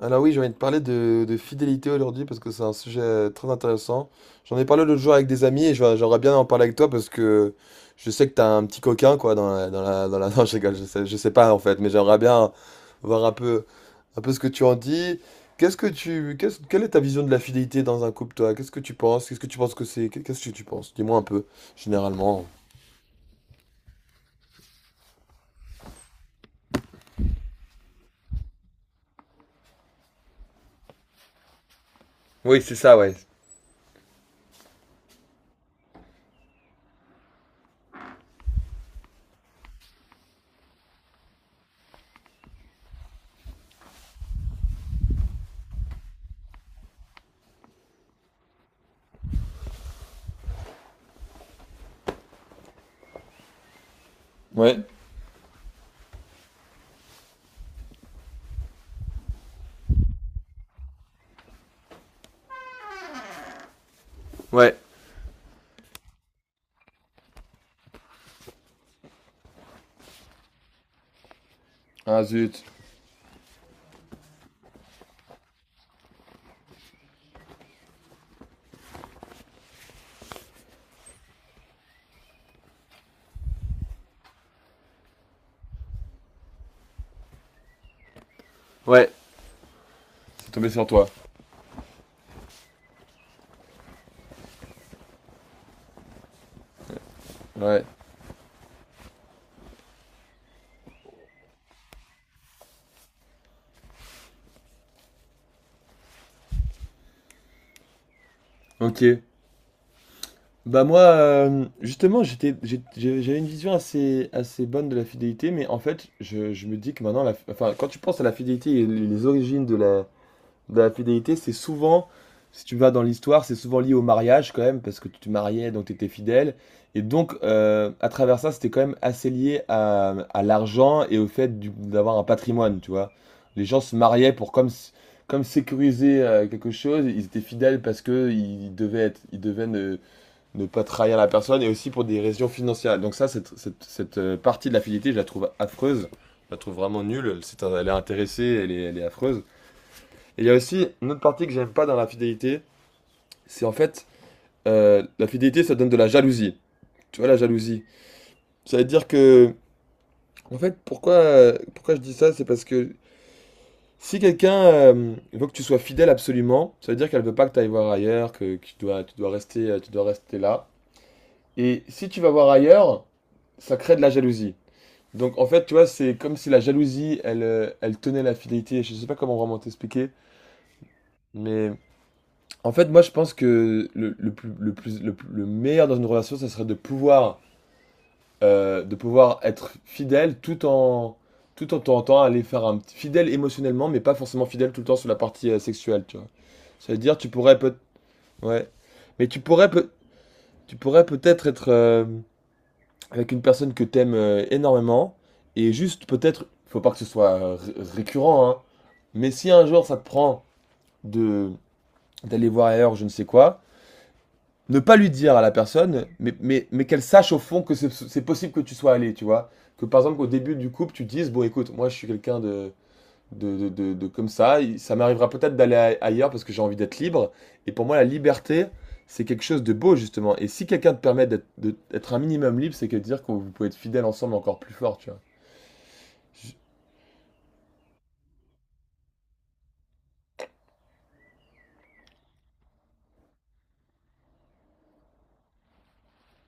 Alors oui, j'ai envie de parler de fidélité aujourd'hui parce que c'est un sujet très intéressant. J'en ai parlé l'autre jour avec des amis et j'aimerais bien en parler avec toi, parce que je sais que t'as un petit coquin, quoi, Non, je rigole, je sais pas en fait, mais j'aimerais bien voir un peu, ce que tu en dis. Qu'est-ce que tu, qu'est-ce, quelle est ta vision de la fidélité dans un couple, toi? Qu'est-ce que tu penses? Qu'est-ce que tu penses que c'est? Qu'est-ce que tu penses? Dis-moi un peu, généralement. Oui, c'est ça, ouais. Ouais. Ouais, ah zut, ouais, c'est tombé sur toi. Ouais. Ok. Bah moi, justement, j'avais une vision assez bonne de la fidélité, mais en fait, je me dis que maintenant, enfin, quand tu penses à la fidélité et les origines de la, fidélité, c'est souvent, si tu vas dans l'histoire, c'est souvent lié au mariage quand même, parce que tu te mariais, donc tu étais fidèle. Et donc, à travers ça, c'était quand même assez lié à l'argent et au fait d'avoir un patrimoine, tu vois. Les gens se mariaient pour comme sécuriser quelque chose, ils étaient fidèles parce que ils devaient ne- ne pas trahir la personne et aussi pour des raisons financières. Donc ça, cette partie de la fidélité, je la trouve affreuse. Je la trouve vraiment nulle. C'est, elle est intéressée, elle est elle est affreuse. Et il y a aussi une autre partie que j'aime pas dans la fidélité. C'est en fait, la fidélité, ça donne de la jalousie. Tu vois, la jalousie. Ça veut dire que, en fait, pourquoi, je dis ça, c'est parce que si quelqu'un veut que tu sois fidèle absolument, ça veut dire qu'elle veut pas que tu ailles voir ailleurs, que tu dois rester là. Et si tu vas voir ailleurs, ça crée de la jalousie. Donc en fait, tu vois, c'est comme si la jalousie, elle, tenait la fidélité. Je sais pas comment vraiment t'expliquer, mais en fait, moi, je pense que le meilleur dans une relation, ça serait de pouvoir, être fidèle tout en tentant aller faire un petit fidèle émotionnellement, mais pas forcément fidèle tout le temps sur la partie sexuelle, tu vois. Ça veut dire, ouais, mais tu pourrais peut-être être, avec une personne que t'aimes énormément, et juste peut-être, faut pas que ce soit récurrent, hein, mais si un jour ça te prend de d'aller voir ailleurs, je ne sais quoi, ne pas lui dire à la personne, mais, qu'elle sache au fond que c'est possible que tu sois allé, tu vois. Que par exemple, qu'au début du couple, tu dises, bon écoute, moi je suis quelqu'un de comme ça. Ça m'arrivera peut-être d'aller ailleurs parce que j'ai envie d'être libre. Et pour moi, la liberté, c'est quelque chose de beau, justement. Et si quelqu'un te permet d'être un minimum libre, c'est que dire que vous pouvez être fidèle ensemble encore plus fort, tu vois. Je-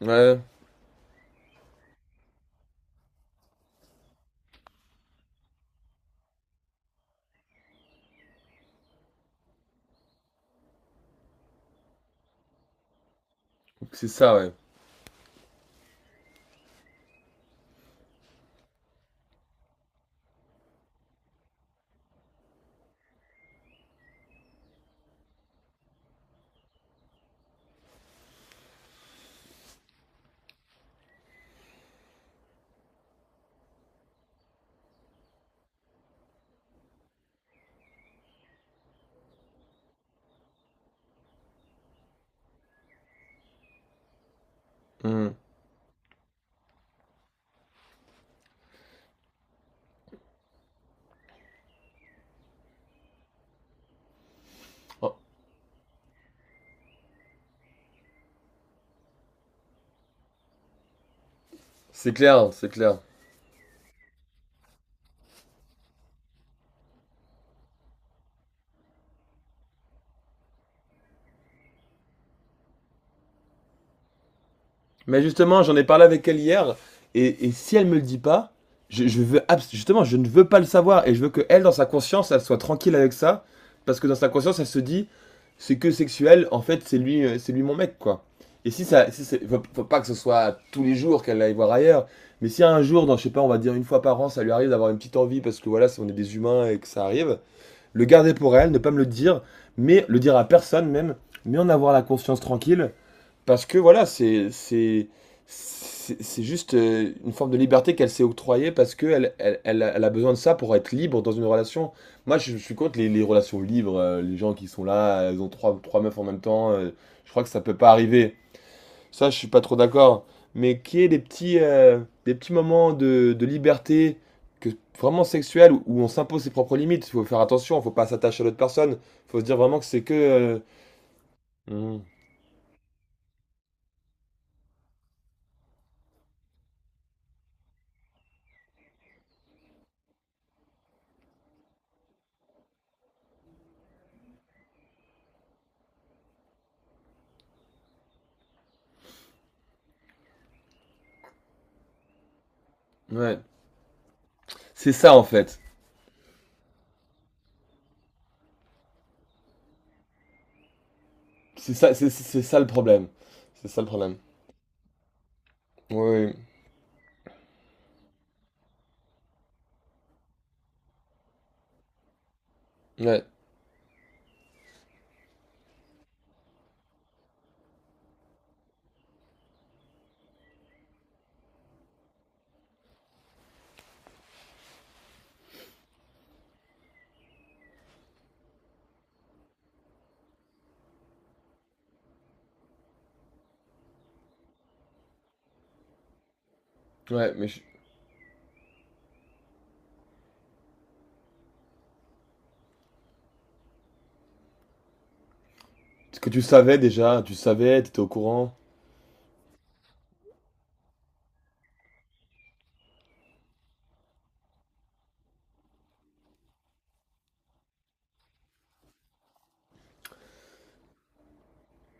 Ouais, donc c'est ça, ouais. Hmm. Oh, c'est clair, c'est clair. Mais justement, j'en ai parlé avec elle hier, et, si elle me le dit pas, je veux justement, je ne veux pas le savoir, et je veux que, elle, dans sa conscience, elle soit tranquille avec ça, parce que dans sa conscience, elle se dit, c'est que sexuel, en fait, c'est lui mon mec, quoi. Et si ça, si c'est- faut, pas que ce soit tous les jours qu'elle aille voir ailleurs, mais si un jour, dans, je sais pas, on va dire une fois par an, ça lui arrive d'avoir une petite envie, parce que voilà, si on est des humains et que ça arrive, le garder pour elle, ne pas me le dire, mais le dire à personne même, mais en avoir la conscience tranquille, parce que voilà, c'est juste une forme de liberté qu'elle s'est octroyée, parce que elle, elle a besoin de ça pour être libre dans une relation. Moi, je suis contre les, relations libres, les gens qui sont là, elles ont trois, meufs en même temps. Je crois que ça peut pas arriver. Ça, je suis pas trop d'accord. Mais qu'il y ait des petits, moments de liberté que, vraiment sexuelle, où, on s'impose ses propres limites. Il faut faire attention, faut pas s'attacher à l'autre personne. Faut se dire vraiment que c'est que... euh, hmm, ouais, c'est ça en fait. C'est ça, ça le problème. C'est ça le problème. Oui, oui. Ouais, ouais, parce que tu savais déjà, t'étais au courant.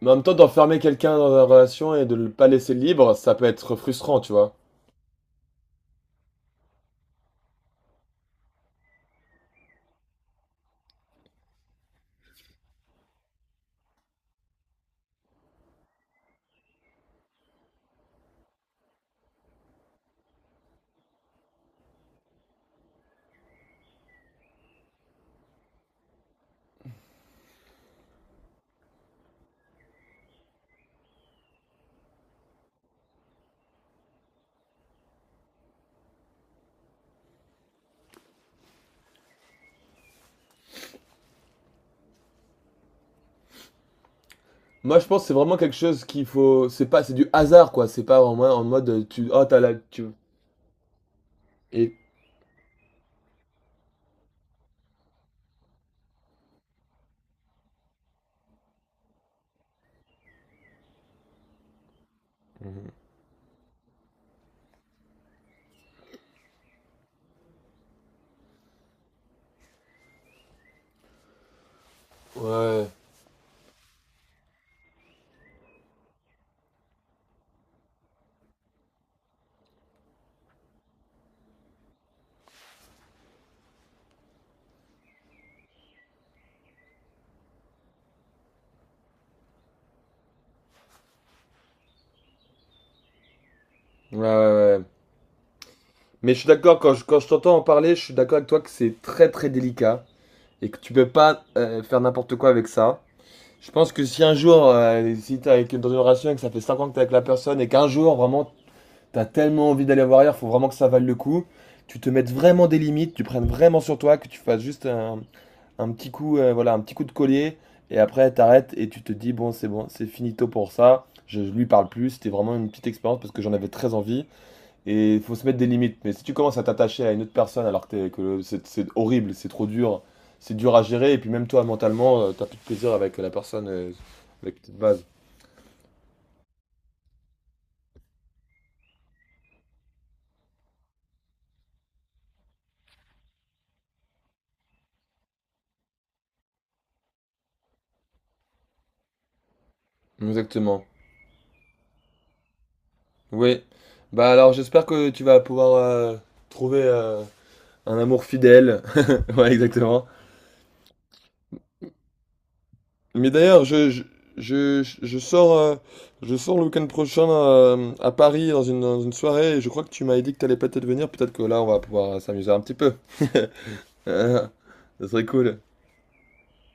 Mais en même temps, d'enfermer quelqu'un dans la relation et de le pas laisser libre, ça peut être frustrant, tu vois. Moi, je pense que c'est vraiment quelque chose qu'il faut. C'est pas, c'est du hasard, quoi. C'est pas en mode, tu, oh, t'as la, tu... Et ouais, ouais, ouais. Ouais. Mais je suis d'accord, quand je, t'entends en parler, je suis d'accord avec toi que c'est très, très délicat et que tu peux pas faire n'importe quoi avec ça. Je pense que si un jour, si t'es avec, dans une relation et que ça fait 5 ans que t'es avec la personne et qu'un jour, vraiment, t'as tellement envie d'aller voir ailleurs, faut vraiment que ça vaille le coup, tu te mettes vraiment des limites, tu prennes vraiment sur toi, que tu fasses juste un, petit coup, voilà, un petit coup de collier, et après t'arrêtes et tu te dis, bon, c'est finito pour ça, je lui parle plus, c'était vraiment une petite expérience parce que j'en avais très envie. Et il faut se mettre des limites. Mais si tu commences à t'attacher à une autre personne alors que, t'es- que le- c'est horrible, c'est trop dur, c'est dur à gérer, et puis même toi, mentalement, t'as plus de plaisir avec la personne, avec tes bases. Exactement. Oui. Bah alors, j'espère que tu vas pouvoir trouver un amour fidèle. Ouais, exactement. Mais d'ailleurs, je sors, le week-end prochain à Paris dans une, soirée, et je crois que tu m'avais dit que t'allais peut-être venir, peut-être que là, on va pouvoir s'amuser un petit peu. Ça serait cool.